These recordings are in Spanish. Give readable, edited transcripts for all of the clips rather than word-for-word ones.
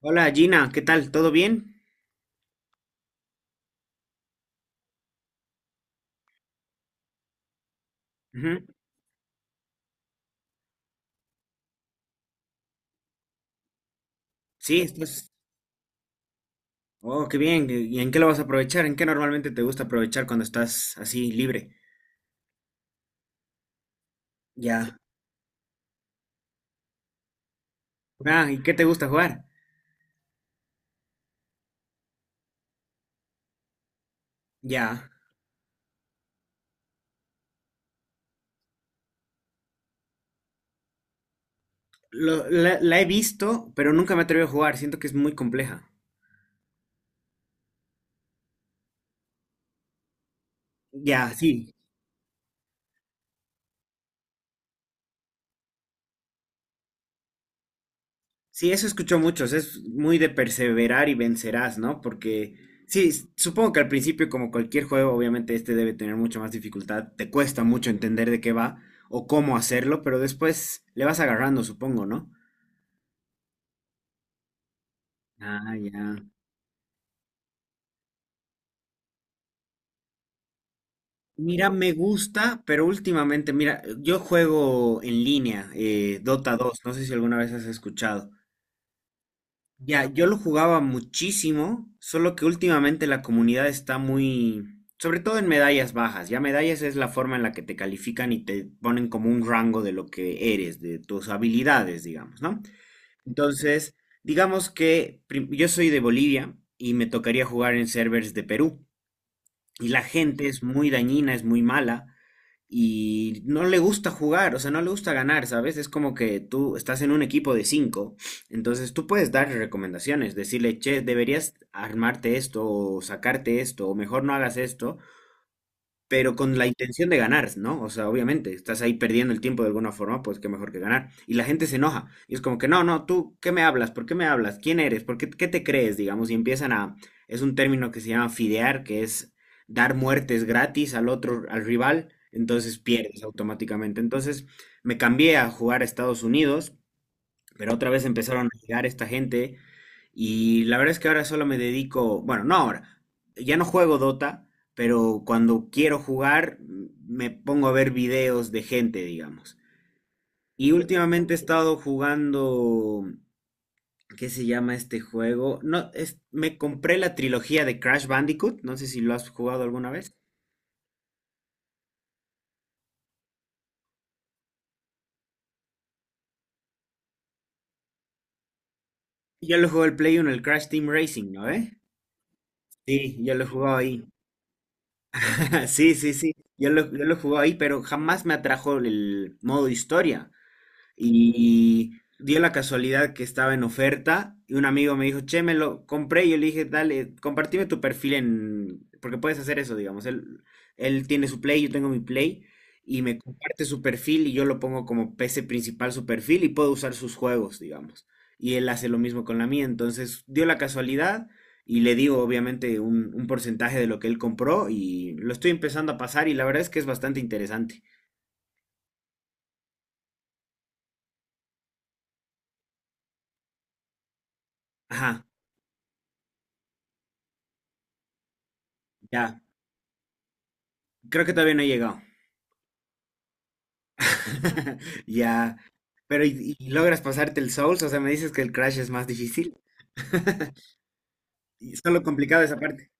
Hola Gina, ¿qué tal? ¿Todo bien? Ujú. Sí, estás. Oh, qué bien. ¿Y en qué lo vas a aprovechar? ¿En qué normalmente te gusta aprovechar cuando estás así libre? Ya. Ah, ¿y qué te gusta jugar? Ya. La he visto, pero nunca me atreví a jugar. Siento que es muy compleja. Ya, sí. Sí, eso escucho muchos, es muy de perseverar y vencerás, ¿no? Porque sí, supongo que al principio, como cualquier juego, obviamente este debe tener mucha más dificultad, te cuesta mucho entender de qué va o cómo hacerlo, pero después le vas agarrando, supongo, ¿no? Ah, ya. Mira, me gusta, pero últimamente, mira, yo juego en línea, Dota dos. No sé si alguna vez has escuchado. Ya, yo lo jugaba muchísimo, solo que últimamente la comunidad está muy, sobre todo en medallas bajas. Ya medallas es la forma en la que te califican y te ponen como un rango de lo que eres, de tus habilidades, digamos, ¿no? Entonces, digamos que yo soy de Bolivia y me tocaría jugar en servers de Perú y la gente es muy dañina, es muy mala y no le gusta jugar, o sea, no le gusta ganar, ¿sabes? Es como que tú estás en un equipo de cinco, entonces tú puedes darle recomendaciones, decirle, che, deberías armarte esto o sacarte esto o mejor no hagas esto, pero con la intención de ganar, ¿no? O sea, obviamente, estás ahí perdiendo el tiempo de alguna forma, pues qué mejor que ganar. Y la gente se enoja. Y es como que, no, no, tú, ¿qué me hablas? ¿Por qué me hablas? ¿Quién eres? ¿Por qué, qué te crees? Digamos, y empiezan a. Es un término que se llama fidear, que es dar muertes gratis al otro, al rival, entonces pierdes automáticamente. Entonces me cambié a jugar a Estados Unidos, pero otra vez empezaron a llegar esta gente y la verdad es que ahora solo me dedico, bueno, no ahora, ya no juego Dota, pero cuando quiero jugar me pongo a ver videos de gente, digamos. Y últimamente he estado jugando, ¿qué se llama este juego? No, es, me compré la trilogía de Crash Bandicoot, no sé si lo has jugado alguna vez. Yo lo juego el Play uno, el Crash Team Racing, ¿no? ¿Eh? Sí, yo lo he jugado ahí. Sí, sí, sí. Yo lo jugué ahí, pero jamás me atrajo el modo historia. Y dio la casualidad que estaba en oferta y un amigo me dijo, che, me lo compré. Y yo le dije, dale, compartime tu perfil en. Porque puedes hacer eso, digamos. Él tiene su Play, yo tengo mi Play. Y me comparte su perfil y yo lo pongo como PC principal su perfil y puedo usar sus juegos, digamos. Y él hace lo mismo con la mía. Entonces dio la casualidad y le digo obviamente un porcentaje de lo que él compró y lo estoy empezando a pasar y la verdad es que es bastante interesante. Ajá, ya. Creo que todavía no he llegado. Ya. Pero ¿y logras pasarte el Souls? O sea, me dices que el Crash es más difícil. Y solo complicado esa parte.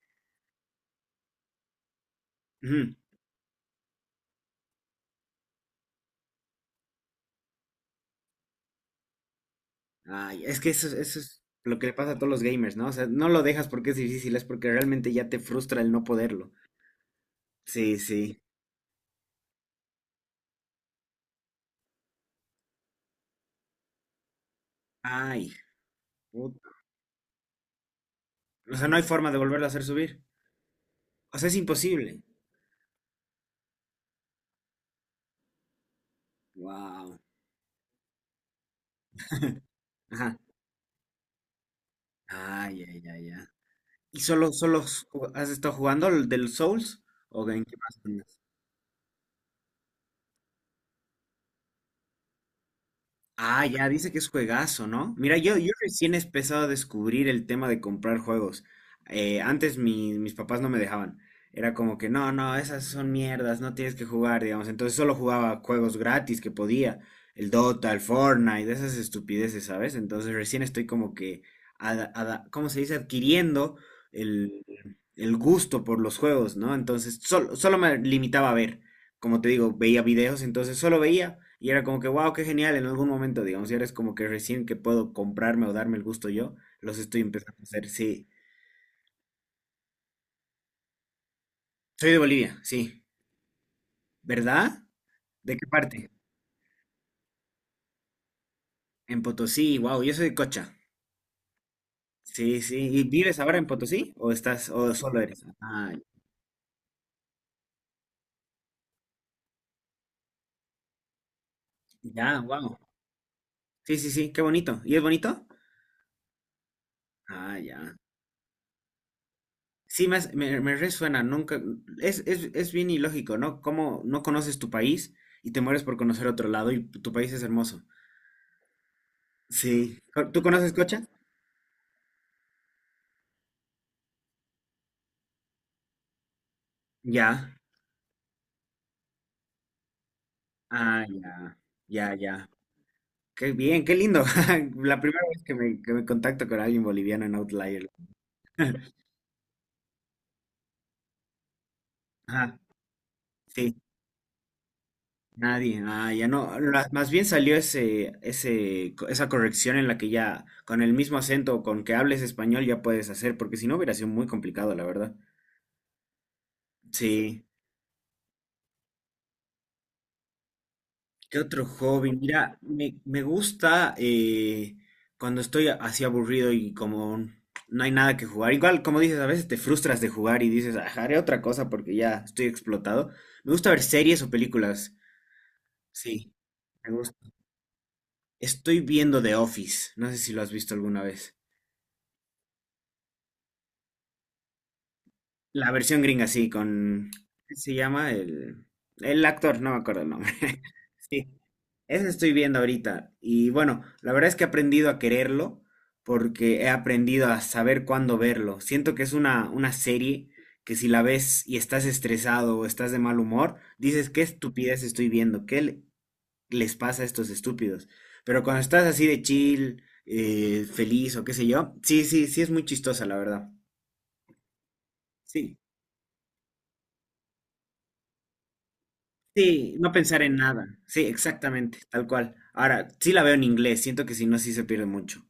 Ujú. Ay, es que eso es lo que le pasa a todos los gamers, ¿no? O sea, no lo dejas porque es difícil, es porque realmente ya te frustra el no poderlo. Sí, sí. Ay, puta. O sea, no hay forma de volverlo a hacer subir. O sea, es imposible. Wow. Ajá. Ay, ya, ya, ya. ¿Y solo has estado jugando al del Souls? ¿O en qué más? Ah, ya, dice que es juegazo, ¿no? Mira, yo recién he empezado a descubrir el tema de comprar juegos. Antes mis papás no me dejaban. Era como que, no, no, esas son mierdas, no tienes que jugar, digamos. Entonces solo jugaba juegos gratis que podía. El Dota, el Fortnite, esas estupideces, ¿sabes? Entonces recién estoy como que, ¿cómo se dice? Adquiriendo el gusto por los juegos, ¿no? Entonces solo me limitaba a ver, como te digo, veía videos, entonces solo veía y era como que, wow, qué genial en algún momento, digamos, y ahora es como que recién que puedo comprarme o darme el gusto yo, los estoy empezando a hacer, sí. Soy de Bolivia, sí. ¿Verdad? ¿De qué parte? En Potosí, wow, yo soy de Cocha. Sí, sí. ¿Y vives ahora en Potosí o estás o solo eres? Ah, ya, wow. Sí, sí, sí, qué bonito. ¿Y es bonito? Ah, ya. Sí, me resuena, nunca, es bien ilógico, ¿no? Cómo no conoces tu país y te mueres por conocer otro lado y tu país es hermoso. Sí. ¿Tú conoces Cocha? Ya. Ah, ya, ya, ya. Qué bien, qué lindo. La primera vez que me contacto con alguien boliviano en Outlier. Ajá, sí, nadie, ah, ya no, más bien salió ese, esa corrección en la que ya con el mismo acento con que hables español ya puedes hacer, porque si no hubiera sido muy complicado, la verdad. Sí. ¿Qué otro hobby? Mira, me gusta cuando estoy así aburrido y como no hay nada que jugar. Igual, como dices, a veces te frustras de jugar y dices, "Ah, haré otra cosa porque ya estoy explotado." Me gusta ver series o películas. Sí, me gusta. Estoy viendo The Office. No sé si lo has visto alguna vez. La versión gringa, sí, con, ¿qué se llama? El actor, no me acuerdo el nombre. Sí, eso estoy viendo ahorita. Y bueno, la verdad es que he aprendido a quererlo porque he aprendido a saber cuándo verlo. Siento que es una serie que si la ves y estás estresado o estás de mal humor, dices, qué estupidez estoy viendo, les pasa a estos estúpidos. Pero cuando estás así de chill, feliz o qué sé yo, sí, sí, sí es muy chistosa, la verdad. Sí. Sí, no pensar en nada. Sí, exactamente, tal cual. Ahora, sí la veo en inglés, siento que si no, sí se pierde mucho.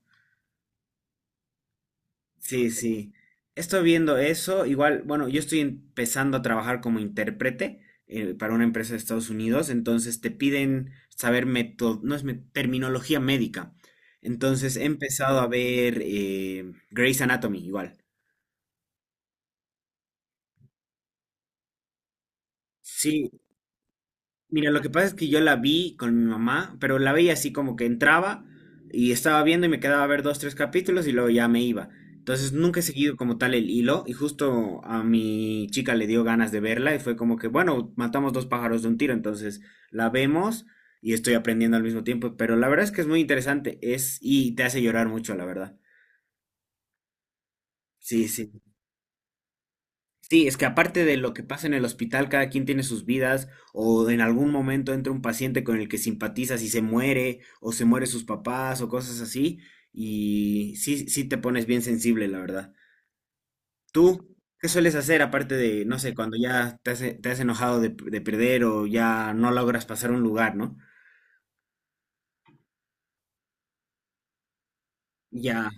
Sí, sí. Estoy viendo eso. Igual, bueno, yo estoy empezando a trabajar como intérprete para una empresa de Estados Unidos, entonces te piden saber meto- no es me- terminología médica. Entonces he empezado a ver Grey's Anatomy, igual. Sí. Mira, lo que pasa es que yo la vi con mi mamá, pero la veía así como que entraba y estaba viendo y me quedaba a ver dos, tres capítulos y luego ya me iba. Entonces nunca he seguido como tal el hilo y justo a mi chica le dio ganas de verla y fue como que, bueno, matamos dos pájaros de un tiro, entonces la vemos y estoy aprendiendo al mismo tiempo, pero la verdad es que es muy interesante, es y te hace llorar mucho, la verdad. Sí, sí. Sí, es que aparte de lo que pasa en el hospital, cada quien tiene sus vidas, o en algún momento entra un paciente con el que simpatizas y se muere, o se muere sus papás, o cosas así, y sí, sí te pones bien sensible, la verdad. ¿Tú qué sueles hacer aparte de, no sé, cuando ya te has enojado de perder o ya no logras pasar un lugar, ¿no? Ya,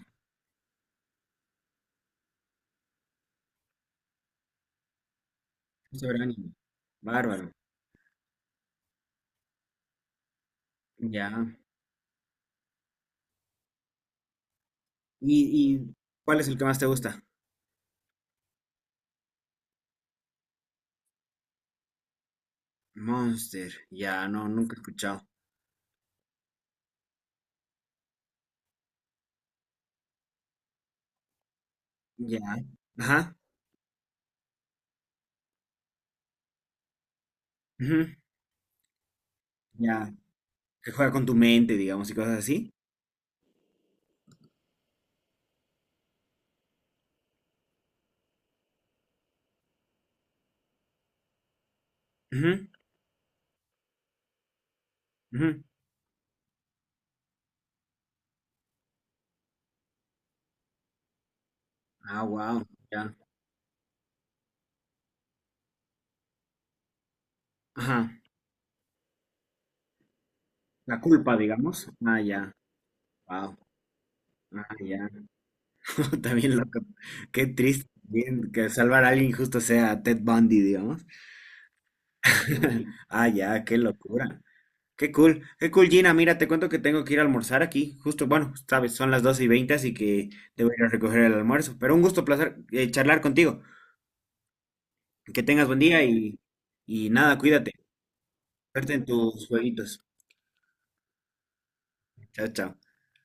soberanía. Bárbaro. Ya. ¿Y cuál es el que más te gusta? Monster. Ya, no, nunca he escuchado. Ya. Ajá. Ya, que juega con tu mente, digamos, y cosas así. Ujú, ujú. Ah, wow, ya. Ajá, la culpa, digamos. Ah, ya, wow. Ah, ya. También loco. Qué triste. Bien, que salvar a alguien justo sea Ted Bundy, digamos. Ah, ya, qué locura. Qué cool, Gina. Mira, te cuento que tengo que ir a almorzar aquí. Justo, bueno, sabes, son las 12:20, así que debo ir a recoger el almuerzo. Pero un gusto, placer charlar contigo. Que tengas buen día y nada, cuídate. Suerte en tus jueguitos. Chao, chao.